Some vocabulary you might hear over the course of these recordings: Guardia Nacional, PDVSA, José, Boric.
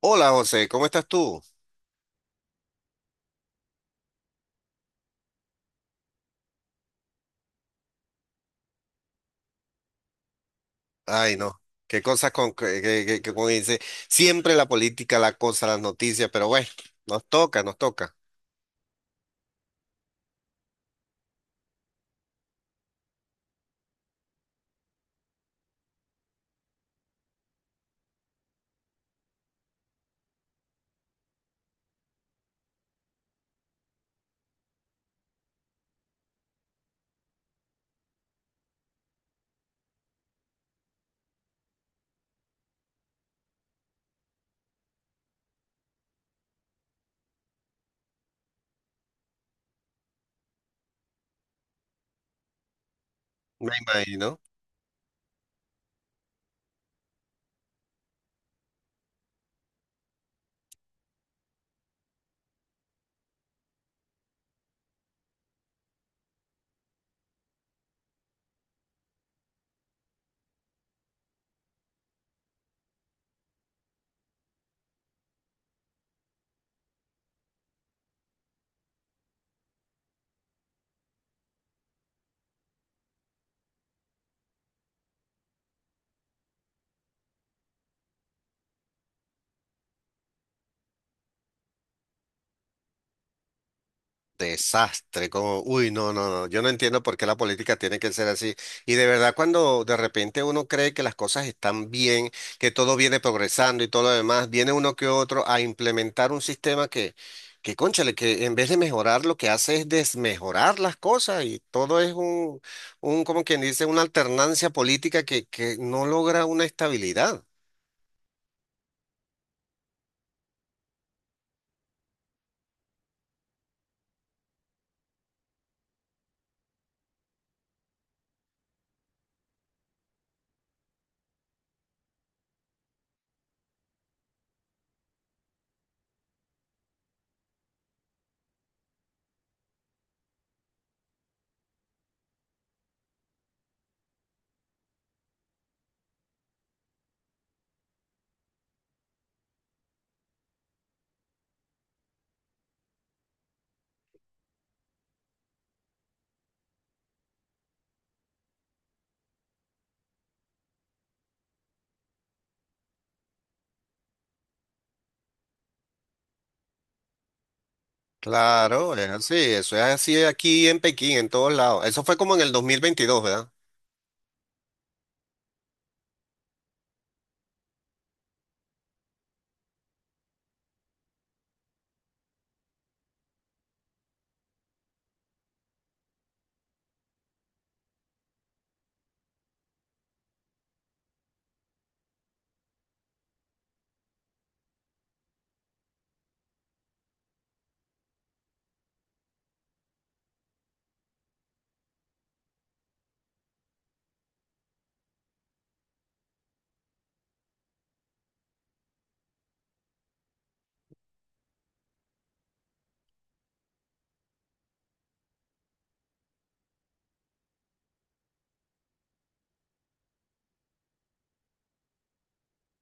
Hola José, ¿cómo estás tú? Ay, no, qué cosas con que, que como dice, siempre la política, la cosa, las noticias, pero bueno, nos toca, me imagino. Desastre, como, uy, no, no, no, yo no entiendo por qué la política tiene que ser así. Y de verdad, cuando de repente uno cree que las cosas están bien, que todo viene progresando y todo lo demás, viene uno que otro a implementar un sistema que cónchale, que en vez de mejorar lo que hace es desmejorar las cosas y todo es un como quien dice, una alternancia política que no logra una estabilidad. Claro, es así, eso es así aquí en Pekín, en todos lados. ¿Eso fue como en el 2022, verdad?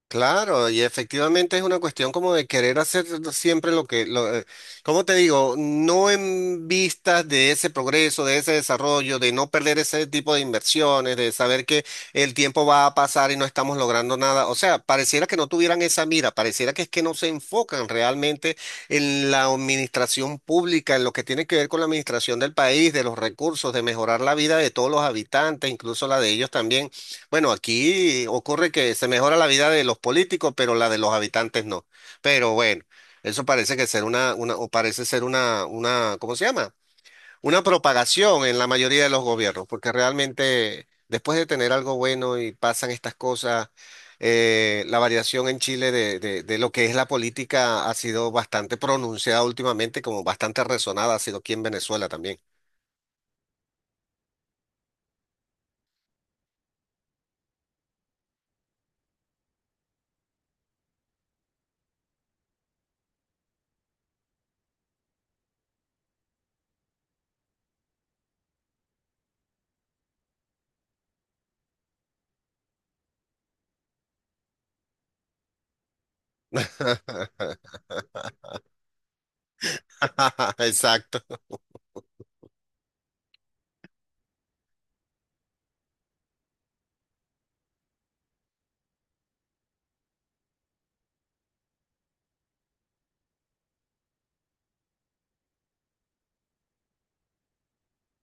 Claro, y efectivamente es una cuestión como de querer hacer siempre lo que, ¿cómo te digo? No en vistas de ese progreso, de ese desarrollo, de no perder ese tipo de inversiones, de saber que el tiempo va a pasar y no estamos logrando nada. O sea, pareciera que no tuvieran esa mira, pareciera que es que no se enfocan realmente en la administración pública, en lo que tiene que ver con la administración del país, de los recursos, de mejorar la vida de todos los habitantes, incluso la de ellos también. Bueno, aquí ocurre que se mejora la vida de los políticos, pero la de los habitantes no. Pero bueno, eso parece que ser una, o parece ser una, ¿cómo se llama? Una propagación en la mayoría de los gobiernos, porque realmente después de tener algo bueno y pasan estas cosas, la variación en Chile de lo que es la política ha sido bastante pronunciada últimamente, como bastante resonada ha sido aquí en Venezuela también. Exacto.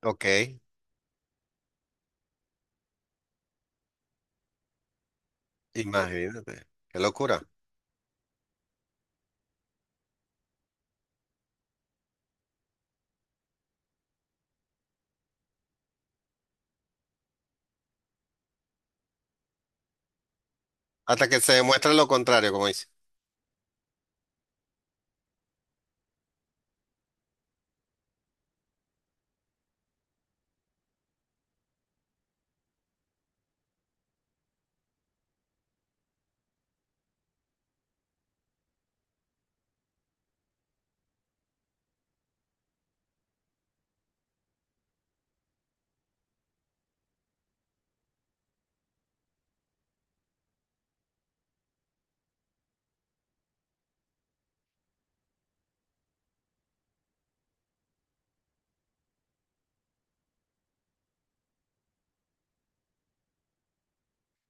Ok. Imagínate, qué locura. Hasta que se demuestre lo contrario, como dice.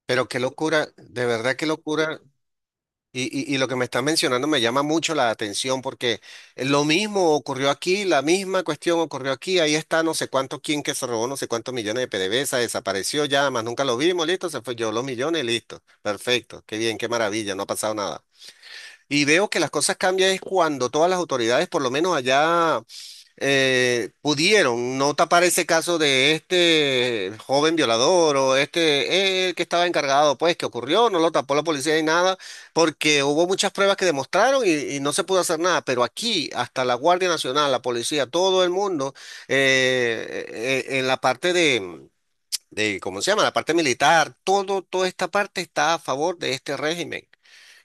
Pero qué locura, de verdad qué locura. Y, y lo que me estás mencionando me llama mucho la atención porque lo mismo ocurrió aquí, la misma cuestión ocurrió aquí. Ahí está no sé cuánto quien que se robó no sé cuántos millones de PDVSA, desapareció ya, más nunca lo vimos, listo, se fue yo los millones, listo. Perfecto, qué bien, qué maravilla, no ha pasado nada. Y veo que las cosas cambian es cuando todas las autoridades, por lo menos allá. Pudieron no tapar ese caso de este joven violador o este, el que estaba encargado, pues, que ocurrió, no lo tapó la policía ni nada, porque hubo muchas pruebas que demostraron y no se pudo hacer nada, pero aquí, hasta la Guardia Nacional, la policía, todo el mundo, en la parte de ¿cómo se llama? La parte militar, todo, toda esta parte está a favor de este régimen.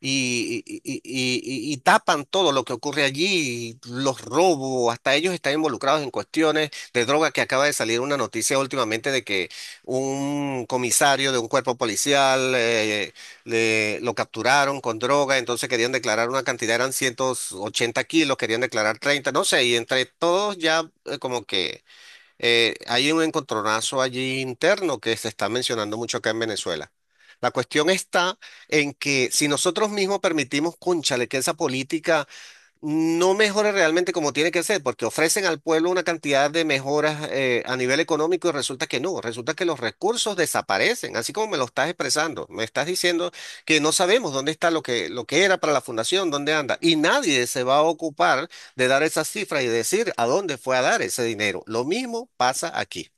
Y, y tapan todo lo que ocurre allí, los robos, hasta ellos están involucrados en cuestiones de droga que acaba de salir una noticia últimamente de que un comisario de un cuerpo policial lo capturaron con droga, entonces querían declarar una cantidad, eran 180 kilos, querían declarar 30 no sé, y entre todos ya como que hay un encontronazo allí interno que se está mencionando mucho acá en Venezuela. La cuestión está en que si nosotros mismos permitimos, cónchale, que esa política no mejora realmente como tiene que ser, porque ofrecen al pueblo una cantidad de mejoras a nivel económico y resulta que no, resulta que los recursos desaparecen, así como me lo estás expresando, me estás diciendo que no sabemos dónde está lo que, era para la fundación, dónde anda, y nadie se va a ocupar de dar esas cifras y decir a dónde fue a dar ese dinero. Lo mismo pasa aquí.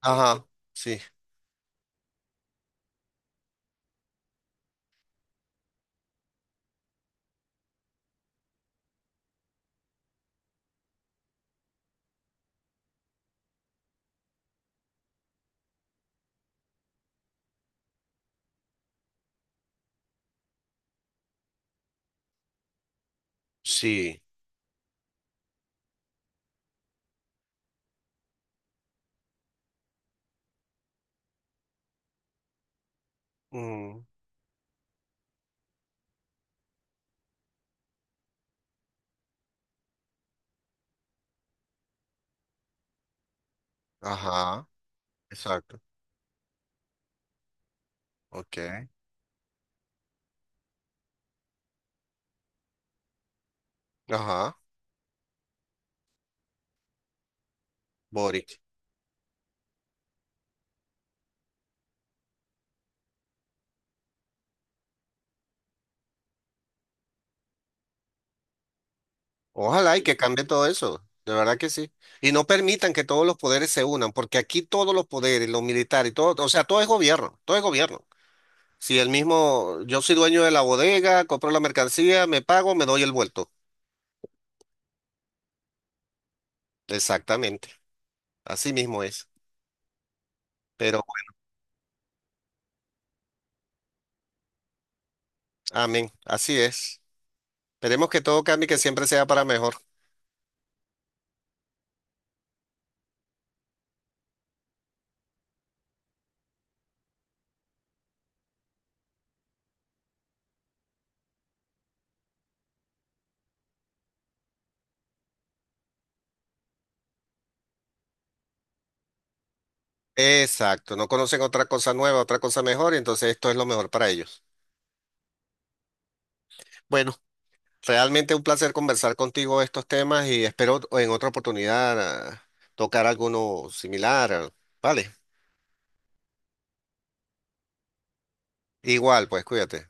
Ajá, sí, sí. Mm, ajá, exacto. Ok. Ajá, Boric. Ojalá y que cambie todo eso, de verdad que sí. Y no permitan que todos los poderes se unan, porque aquí todos los poderes, los militares, todo, o sea, todo es gobierno, todo es gobierno. Si el mismo, yo soy dueño de la bodega, compro la mercancía, me pago, me doy el vuelto. Exactamente, así mismo es. Pero, amén, así es. Esperemos que todo cambie, que siempre sea para mejor. Exacto, no conocen otra cosa nueva, otra cosa mejor, y entonces esto es lo mejor para ellos. Bueno. Realmente un placer conversar contigo estos temas y espero en otra oportunidad tocar alguno similar. Vale, igual, pues cuídate.